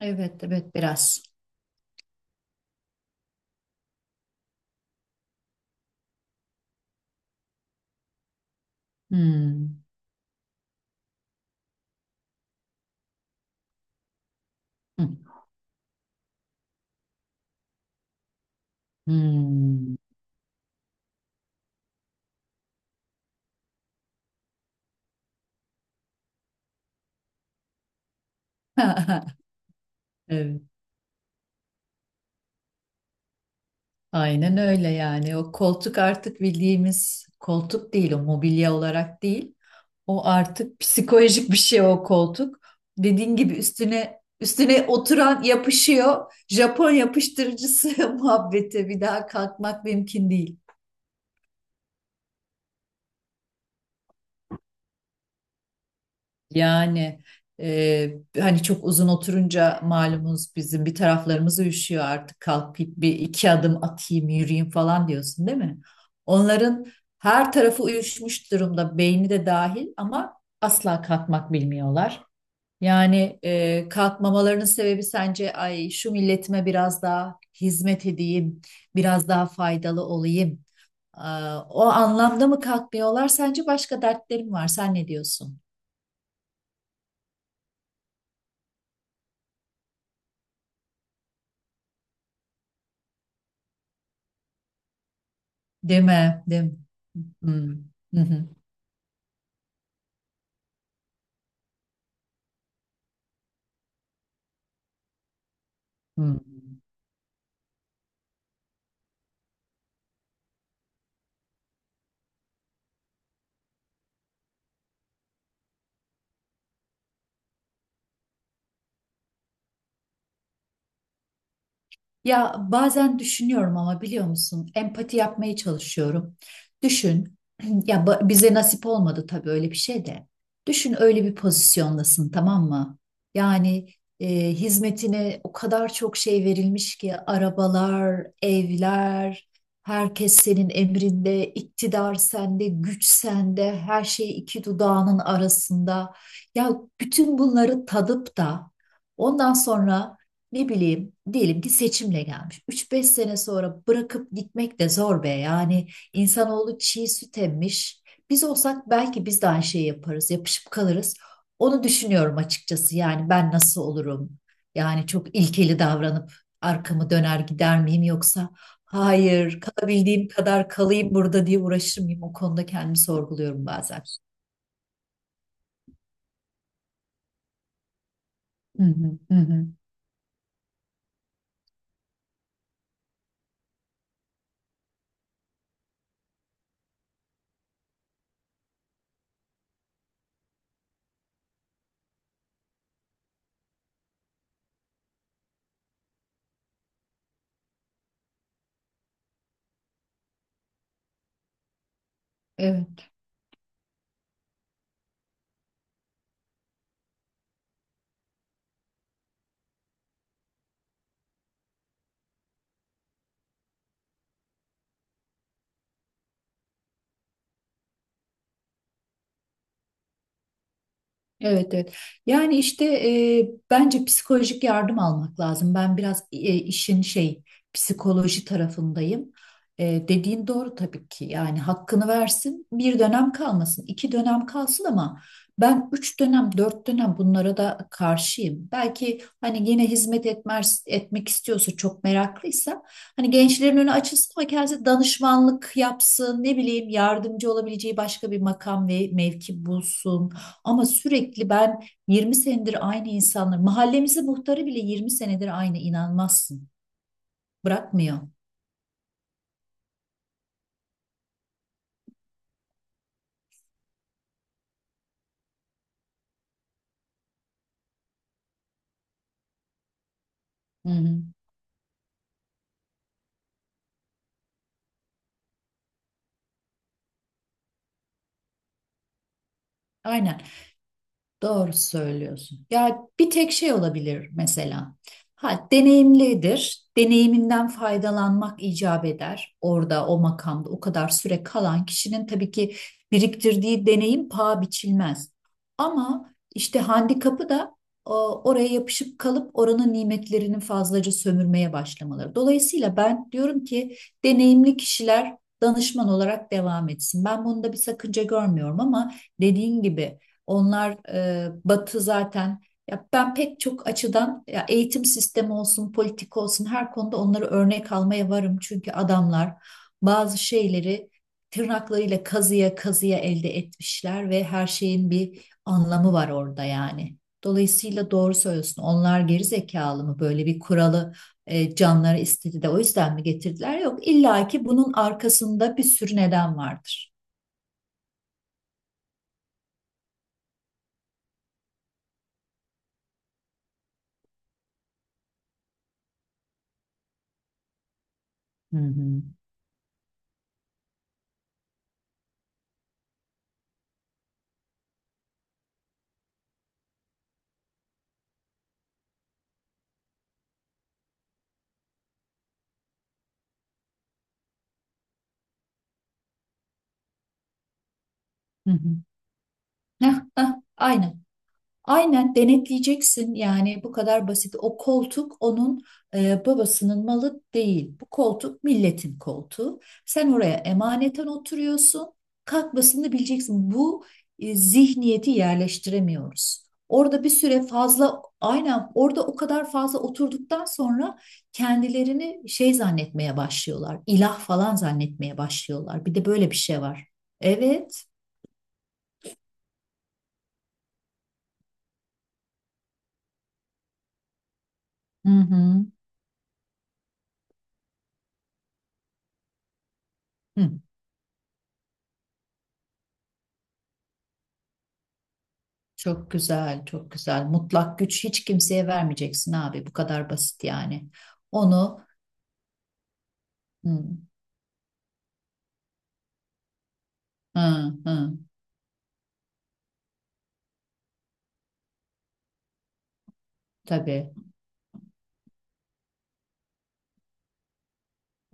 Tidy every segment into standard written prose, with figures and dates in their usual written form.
Evet, evet biraz. Hmm. Hı. Hmm. Evet. Aynen öyle yani. O koltuk artık bildiğimiz koltuk değil, o mobilya olarak değil. O artık psikolojik bir şey o koltuk. Dediğin gibi üstüne üstüne oturan yapışıyor. Japon yapıştırıcısı muhabbete bir daha kalkmak mümkün değil. Yani e, Hani çok uzun oturunca malumunuz bizim bir taraflarımız üşüyor artık kalkıp bir iki adım atayım yürüyeyim falan diyorsun değil mi? Onların her tarafı uyuşmuş durumda beyni de dahil ama asla kalkmak bilmiyorlar. Kalkmamalarının sebebi sence ay şu milletime biraz daha hizmet edeyim, biraz daha faydalı olayım. Aa, o anlamda mı kalkmıyorlar? Sence başka dertlerim var. Sen ne diyorsun? Değil mi? Değil mi? Hı hı. Hı hı. Hı. Ya bazen düşünüyorum ama biliyor musun? Empati yapmaya çalışıyorum. Düşün, ya bize nasip olmadı tabii öyle bir şey de. Düşün öyle bir pozisyondasın tamam mı? Yani Hizmetine o kadar çok şey verilmiş ki arabalar, evler, herkes senin emrinde, iktidar sende, güç sende, her şey iki dudağının arasında. Ya bütün bunları tadıp da ondan sonra ne bileyim diyelim ki seçimle gelmiş. 3-5 sene sonra bırakıp gitmek de zor be. Yani insanoğlu çiğ süt emmiş. Biz olsak belki biz de aynı şeyi yaparız, yapışıp kalırız. Onu düşünüyorum açıkçası. Yani ben nasıl olurum? Yani çok ilkeli davranıp arkamı döner gider miyim yoksa hayır kalabildiğim kadar kalayım burada diye uğraşır mıyım? O konuda kendimi sorguluyorum bazen. Hı hı, hı hı. Evet. Evet, evet. Yani işte bence psikolojik yardım almak lazım. Ben biraz işin şey psikoloji tarafındayım. E, dediğin doğru tabii ki. Yani hakkını versin. Bir dönem kalmasın, iki dönem kalsın ama ben üç dönem, dört dönem bunlara da karşıyım. Belki hani yine hizmet etmez, etmek istiyorsa çok meraklıysa hani gençlerin önü açılsın ama kendisi danışmanlık yapsın, ne bileyim yardımcı olabileceği başka bir makam ve mevki bulsun. Ama sürekli ben 20 senedir aynı insanlar, mahallemizin muhtarı bile 20 senedir aynı inanmazsın. Bırakmıyor. Hı hı. Aynen. Doğru söylüyorsun. Ya bir tek şey olabilir mesela. Ha, deneyimlidir. Deneyiminden faydalanmak icap eder. Orada o makamda o kadar süre kalan kişinin tabii ki biriktirdiği deneyim paha biçilmez. Ama işte handikapı da oraya yapışıp kalıp oranın nimetlerini fazlaca sömürmeye başlamaları. Dolayısıyla ben diyorum ki deneyimli kişiler danışman olarak devam etsin. Ben bunda bir sakınca görmüyorum ama dediğin gibi onlar Batı zaten. Ya ben pek çok açıdan ya eğitim sistemi olsun, politika olsun her konuda onları örnek almaya varım. Çünkü adamlar bazı şeyleri tırnaklarıyla kazıya kazıya elde etmişler ve her şeyin bir anlamı var orada yani. Dolayısıyla doğru söylüyorsun. Onlar geri zekalı mı böyle bir kuralı canları istedi de o yüzden mi getirdiler? Yok, illa ki bunun arkasında bir sürü neden vardır. Hı hı. Hı hı. Heh, heh, aynen. Aynen denetleyeceksin yani bu kadar basit. O koltuk onun babasının malı değil. Bu koltuk milletin koltuğu. Sen oraya emaneten oturuyorsun. Kalkmasını bileceksin. Bu zihniyeti yerleştiremiyoruz. Orada bir süre fazla aynen orada o kadar fazla oturduktan sonra kendilerini şey zannetmeye başlıyorlar. İlah falan zannetmeye başlıyorlar. Bir de böyle bir şey var. Evet. Hı hı. Hı. Çok güzel, çok güzel. Mutlak güç hiç kimseye vermeyeceksin abi. Bu kadar basit yani. Onu hı, hı, hı, tabii.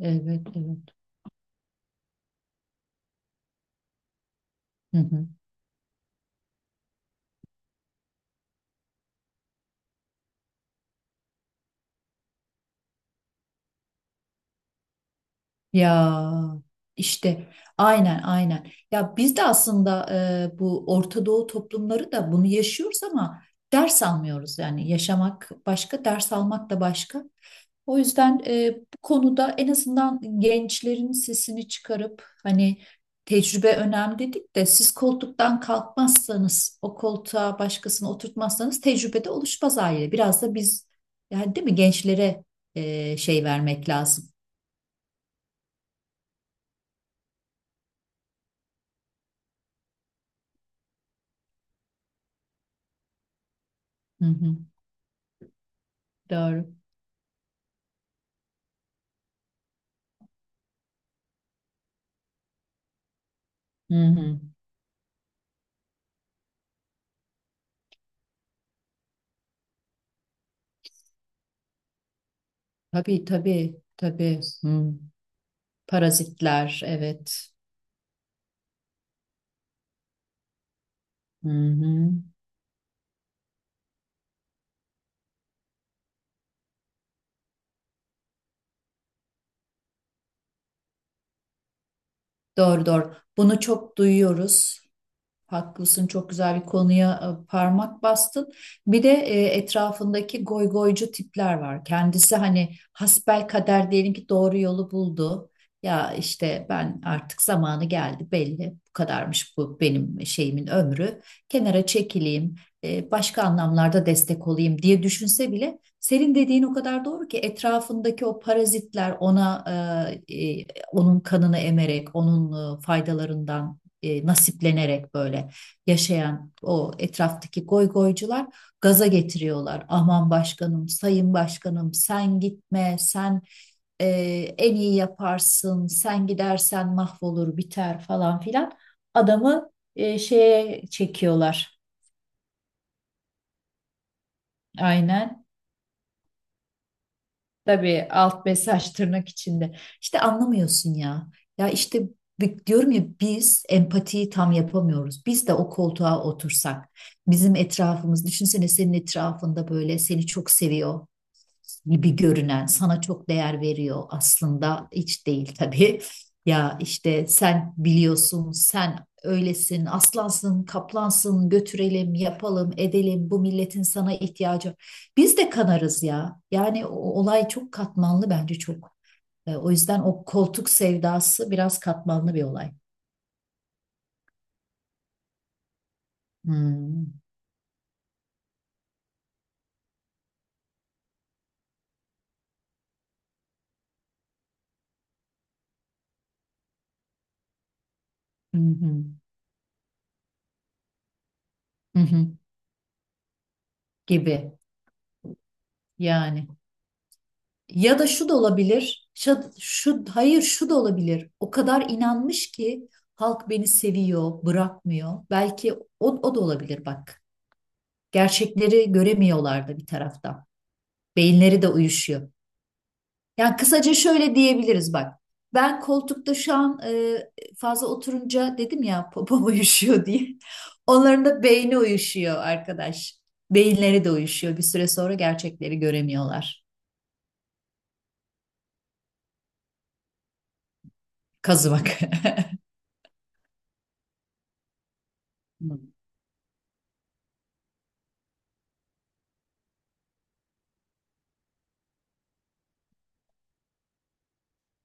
Evet, evet. Hı hı. Ya işte aynen aynen. Ya biz de aslında bu Orta Doğu toplumları da bunu yaşıyoruz ama ders almıyoruz yani. Yaşamak başka, ders almak da başka. O yüzden bu konuda en azından gençlerin sesini çıkarıp hani tecrübe önemli dedik de siz koltuktan kalkmazsanız o koltuğa başkasını oturtmazsanız tecrübe de oluşmaz aile. Biraz da biz yani değil mi gençlere şey vermek lazım. Hı hı, doğru. Hı hı. Tabii tabii tabii. Hı. Parazitler evet. Hı hı. Doğru doğru. Bunu çok duyuyoruz. Haklısın, çok güzel bir konuya parmak bastın. Bir de etrafındaki goygoycu tipler var. Kendisi hani hasbelkader diyelim ki doğru yolu buldu. Ya işte ben artık zamanı geldi belli. Bu kadarmış bu benim şeyimin ömrü. Kenara çekileyim, başka anlamlarda destek olayım diye düşünse bile senin dediğin o kadar doğru ki etrafındaki o parazitler ona e, e, onun kanını emerek onun faydalarından nasiplenerek böyle yaşayan o etraftaki goygoycular gaza getiriyorlar. Aman başkanım, sayın başkanım sen gitme, sen e, en iyi yaparsın, sen gidersen mahvolur biter falan filan. Adamı şeye çekiyorlar aynen. Tabii alt mesaj tırnak içinde. İşte anlamıyorsun ya. Ya işte diyorum ya biz empatiyi tam yapamıyoruz. Biz de o koltuğa otursak, bizim etrafımız, düşünsene senin etrafında böyle seni çok seviyor gibi görünen sana çok değer veriyor aslında hiç değil tabii. Ya işte sen biliyorsun, sen öylesin, aslansın, kaplansın, götürelim, yapalım, edelim. Bu milletin sana ihtiyacı. Biz de kanarız ya. Yani o olay çok katmanlı bence çok. O yüzden o koltuk sevdası biraz katmanlı bir olay. Hmm. Hı hı. Hı hı. Gibi yani. Ya da şu da olabilir. Şu, şu hayır şu da olabilir. O kadar inanmış ki halk beni seviyor, bırakmıyor. Belki o da olabilir bak. Gerçekleri göremiyorlar da bir taraftan. Beyinleri de uyuşuyor. Yani kısaca şöyle diyebiliriz bak. Ben koltukta şu an fazla oturunca dedim ya popom uyuşuyor diye. Onların da beyni uyuşuyor arkadaş. Beyinleri de uyuşuyor. Bir süre sonra gerçekleri göremiyorlar. Kazımak.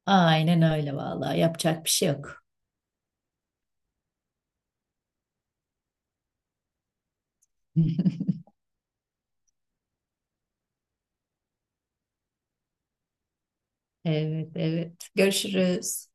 Aynen öyle vallahi yapacak bir şey yok. Evet, evet. Görüşürüz.